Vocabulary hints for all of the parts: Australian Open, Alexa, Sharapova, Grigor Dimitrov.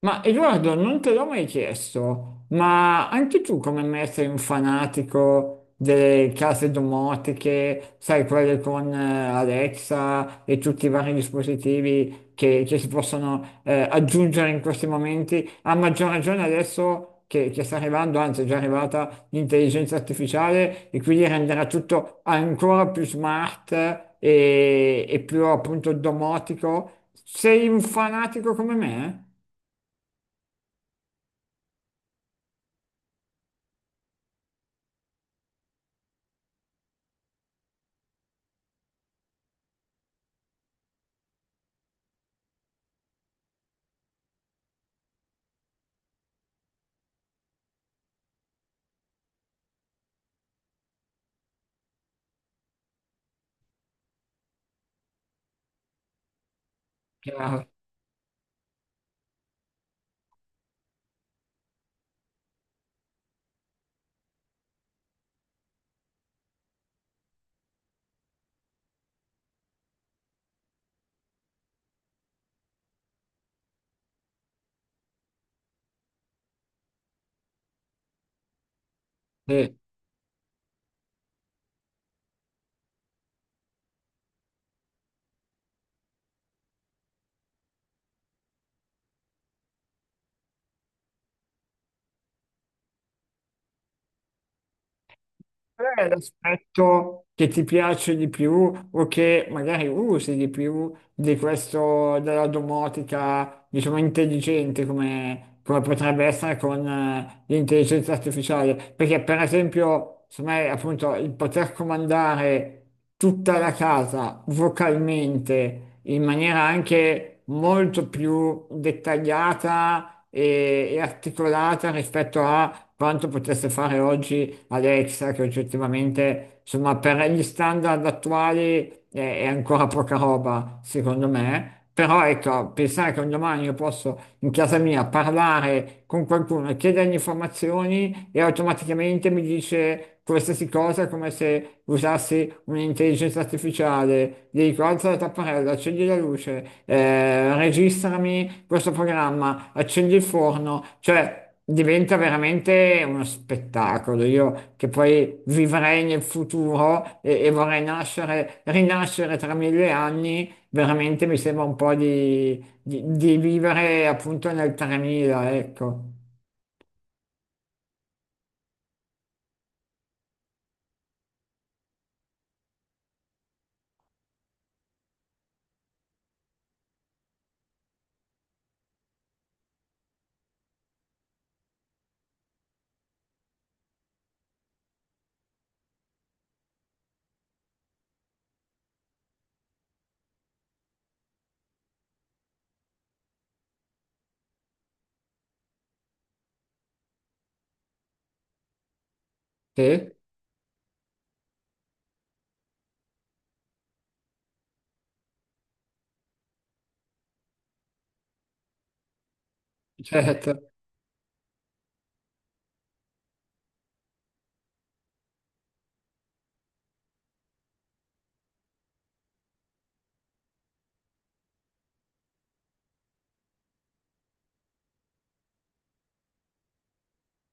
Ma Edoardo, non te l'ho mai chiesto, ma anche tu come me sei un fanatico delle case domotiche, sai, quelle con Alexa e tutti i vari dispositivi che si possono aggiungere in questi momenti, a maggior ragione adesso che sta arrivando, anzi è già arrivata l'intelligenza artificiale e quindi renderà tutto ancora più smart e più appunto domotico. Sei un fanatico come me, eh? Chiaro. Sì. Qual è l'aspetto che ti piace di più o che magari usi di più di questo della domotica, diciamo, intelligente come, come potrebbe essere con l'intelligenza artificiale? Perché, per esempio, secondo me, appunto, il poter comandare tutta la casa vocalmente in maniera anche molto più dettagliata e articolata rispetto a quanto potesse fare oggi Alexa, che oggettivamente, insomma, per gli standard attuali è ancora poca roba, secondo me. Però ecco, pensare che un domani io posso in casa mia parlare con qualcuno e chiedergli informazioni e automaticamente mi dice qualsiasi cosa, come se usassi un'intelligenza artificiale, gli dico alza la tapparella, accendi la luce, registrami questo programma, accendi il forno, cioè diventa veramente uno spettacolo. Io che poi vivrei nel futuro e vorrei nascere, rinascere tra mille anni, veramente mi sembra un po' di vivere appunto nel 3000, ecco. Sì, certo.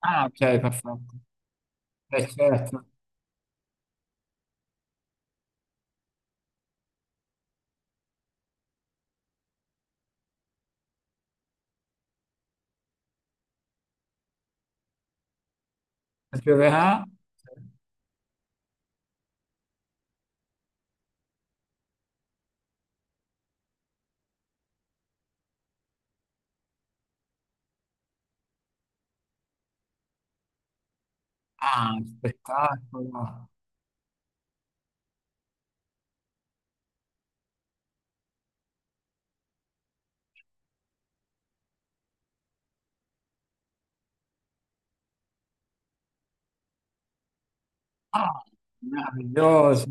Ah, ok, perfetto. Certo. Pioverà? Ah, spettacolo. Ah, meraviglioso.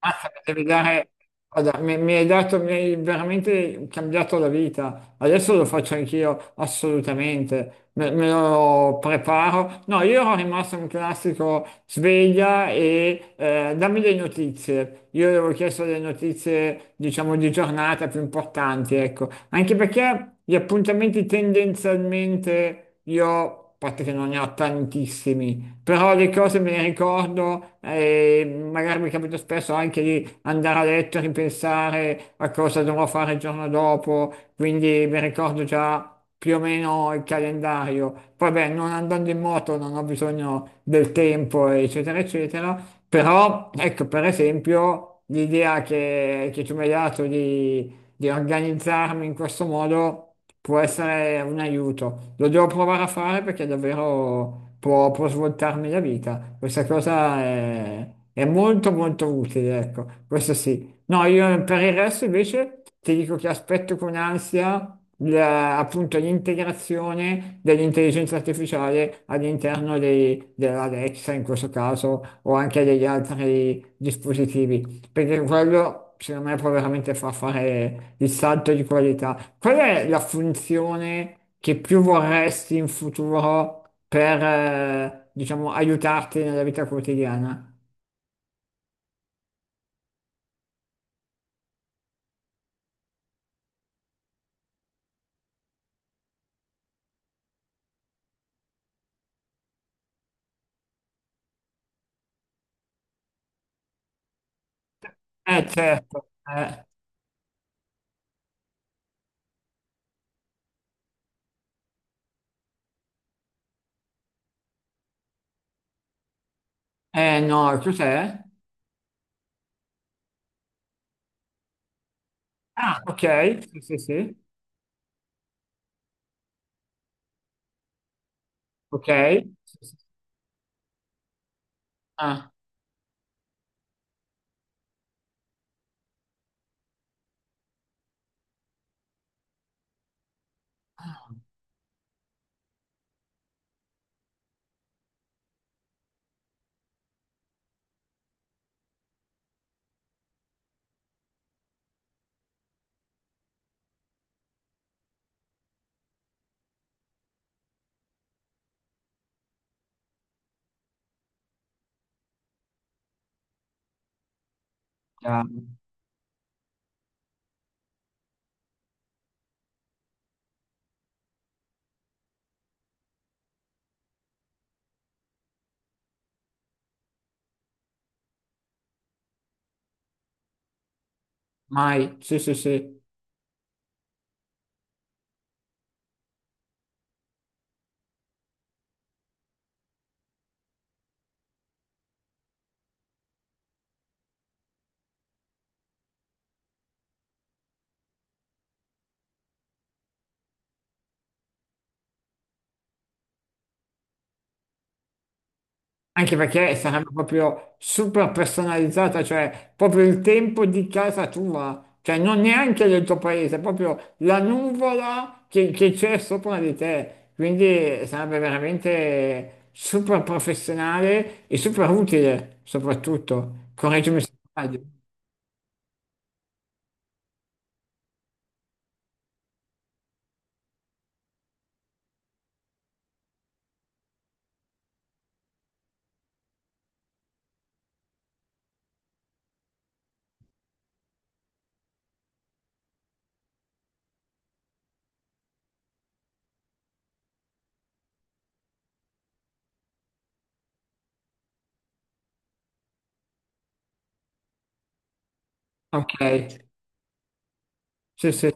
Mazza, mi devi dare- guarda, mi hai dato, mi hai veramente cambiato la vita. Adesso lo faccio anch'io, assolutamente. Me lo preparo. No, io ero rimasto un classico sveglia e dammi le notizie. Io gli avevo chiesto le notizie, diciamo, di giornata più importanti, ecco. Anche perché gli appuntamenti tendenzialmente io, a parte che non ne ho tantissimi, però le cose me le ricordo e magari mi capita spesso anche di andare a letto e ripensare a cosa dovrò fare il giorno dopo, quindi mi ricordo già più o meno il calendario. Poi beh, non andando in moto non ho bisogno del tempo, eccetera, eccetera, però ecco, per esempio, l'idea che tu mi hai dato di organizzarmi in questo modo può essere un aiuto. Lo devo provare a fare perché davvero può svoltarmi la vita. Questa cosa è molto molto utile, ecco, questo sì. No, io per il resto invece ti dico che aspetto con ansia appunto l'integrazione dell'intelligenza artificiale all'interno dell'Alexa in questo caso o anche degli altri dispositivi, perché quello secondo me può veramente far fare il salto di qualità. Qual è la funzione che più vorresti in futuro per, diciamo, aiutarti nella vita quotidiana? Eh certo, no, cos'è? Ah, ok, sì, sì, sì, ok, sì, sì. Ah, chiaro. Mai, sì, sì, sì. Anche perché sarebbe proprio super personalizzata, cioè proprio il tempo di casa tua, cioè non neanche del tuo paese, proprio la nuvola che c'è sopra di te. Quindi sarebbe veramente super professionale e super utile, soprattutto. Correggimi se sbaglio. Ok, sì, sì.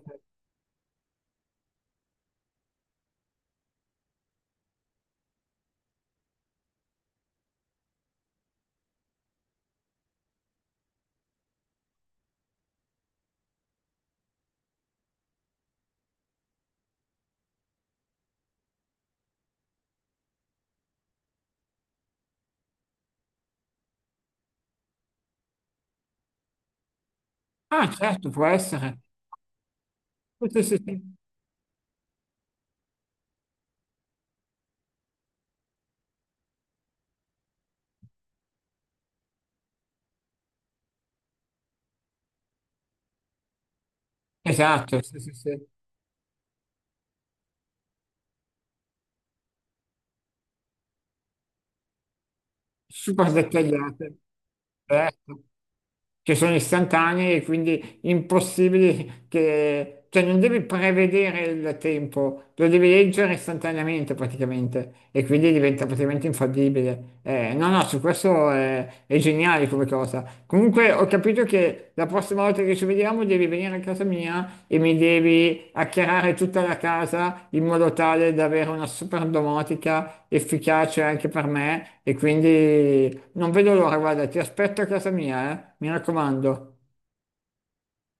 Ah, certo, può essere. Sì, sì, sì, sì. Esatto, sì, sì, sì. Super dettagliate. Certo. Che sono istantanee e quindi impossibili che... Cioè non devi prevedere il tempo, lo devi leggere istantaneamente praticamente e quindi diventa praticamente infallibile. No, no, su questo è geniale come cosa. Comunque ho capito che la prossima volta che ci vediamo devi venire a casa mia e mi devi acchiarare tutta la casa in modo tale da avere una super domotica efficace anche per me e quindi non vedo l'ora, guarda, ti aspetto a casa mia, eh? Mi raccomando.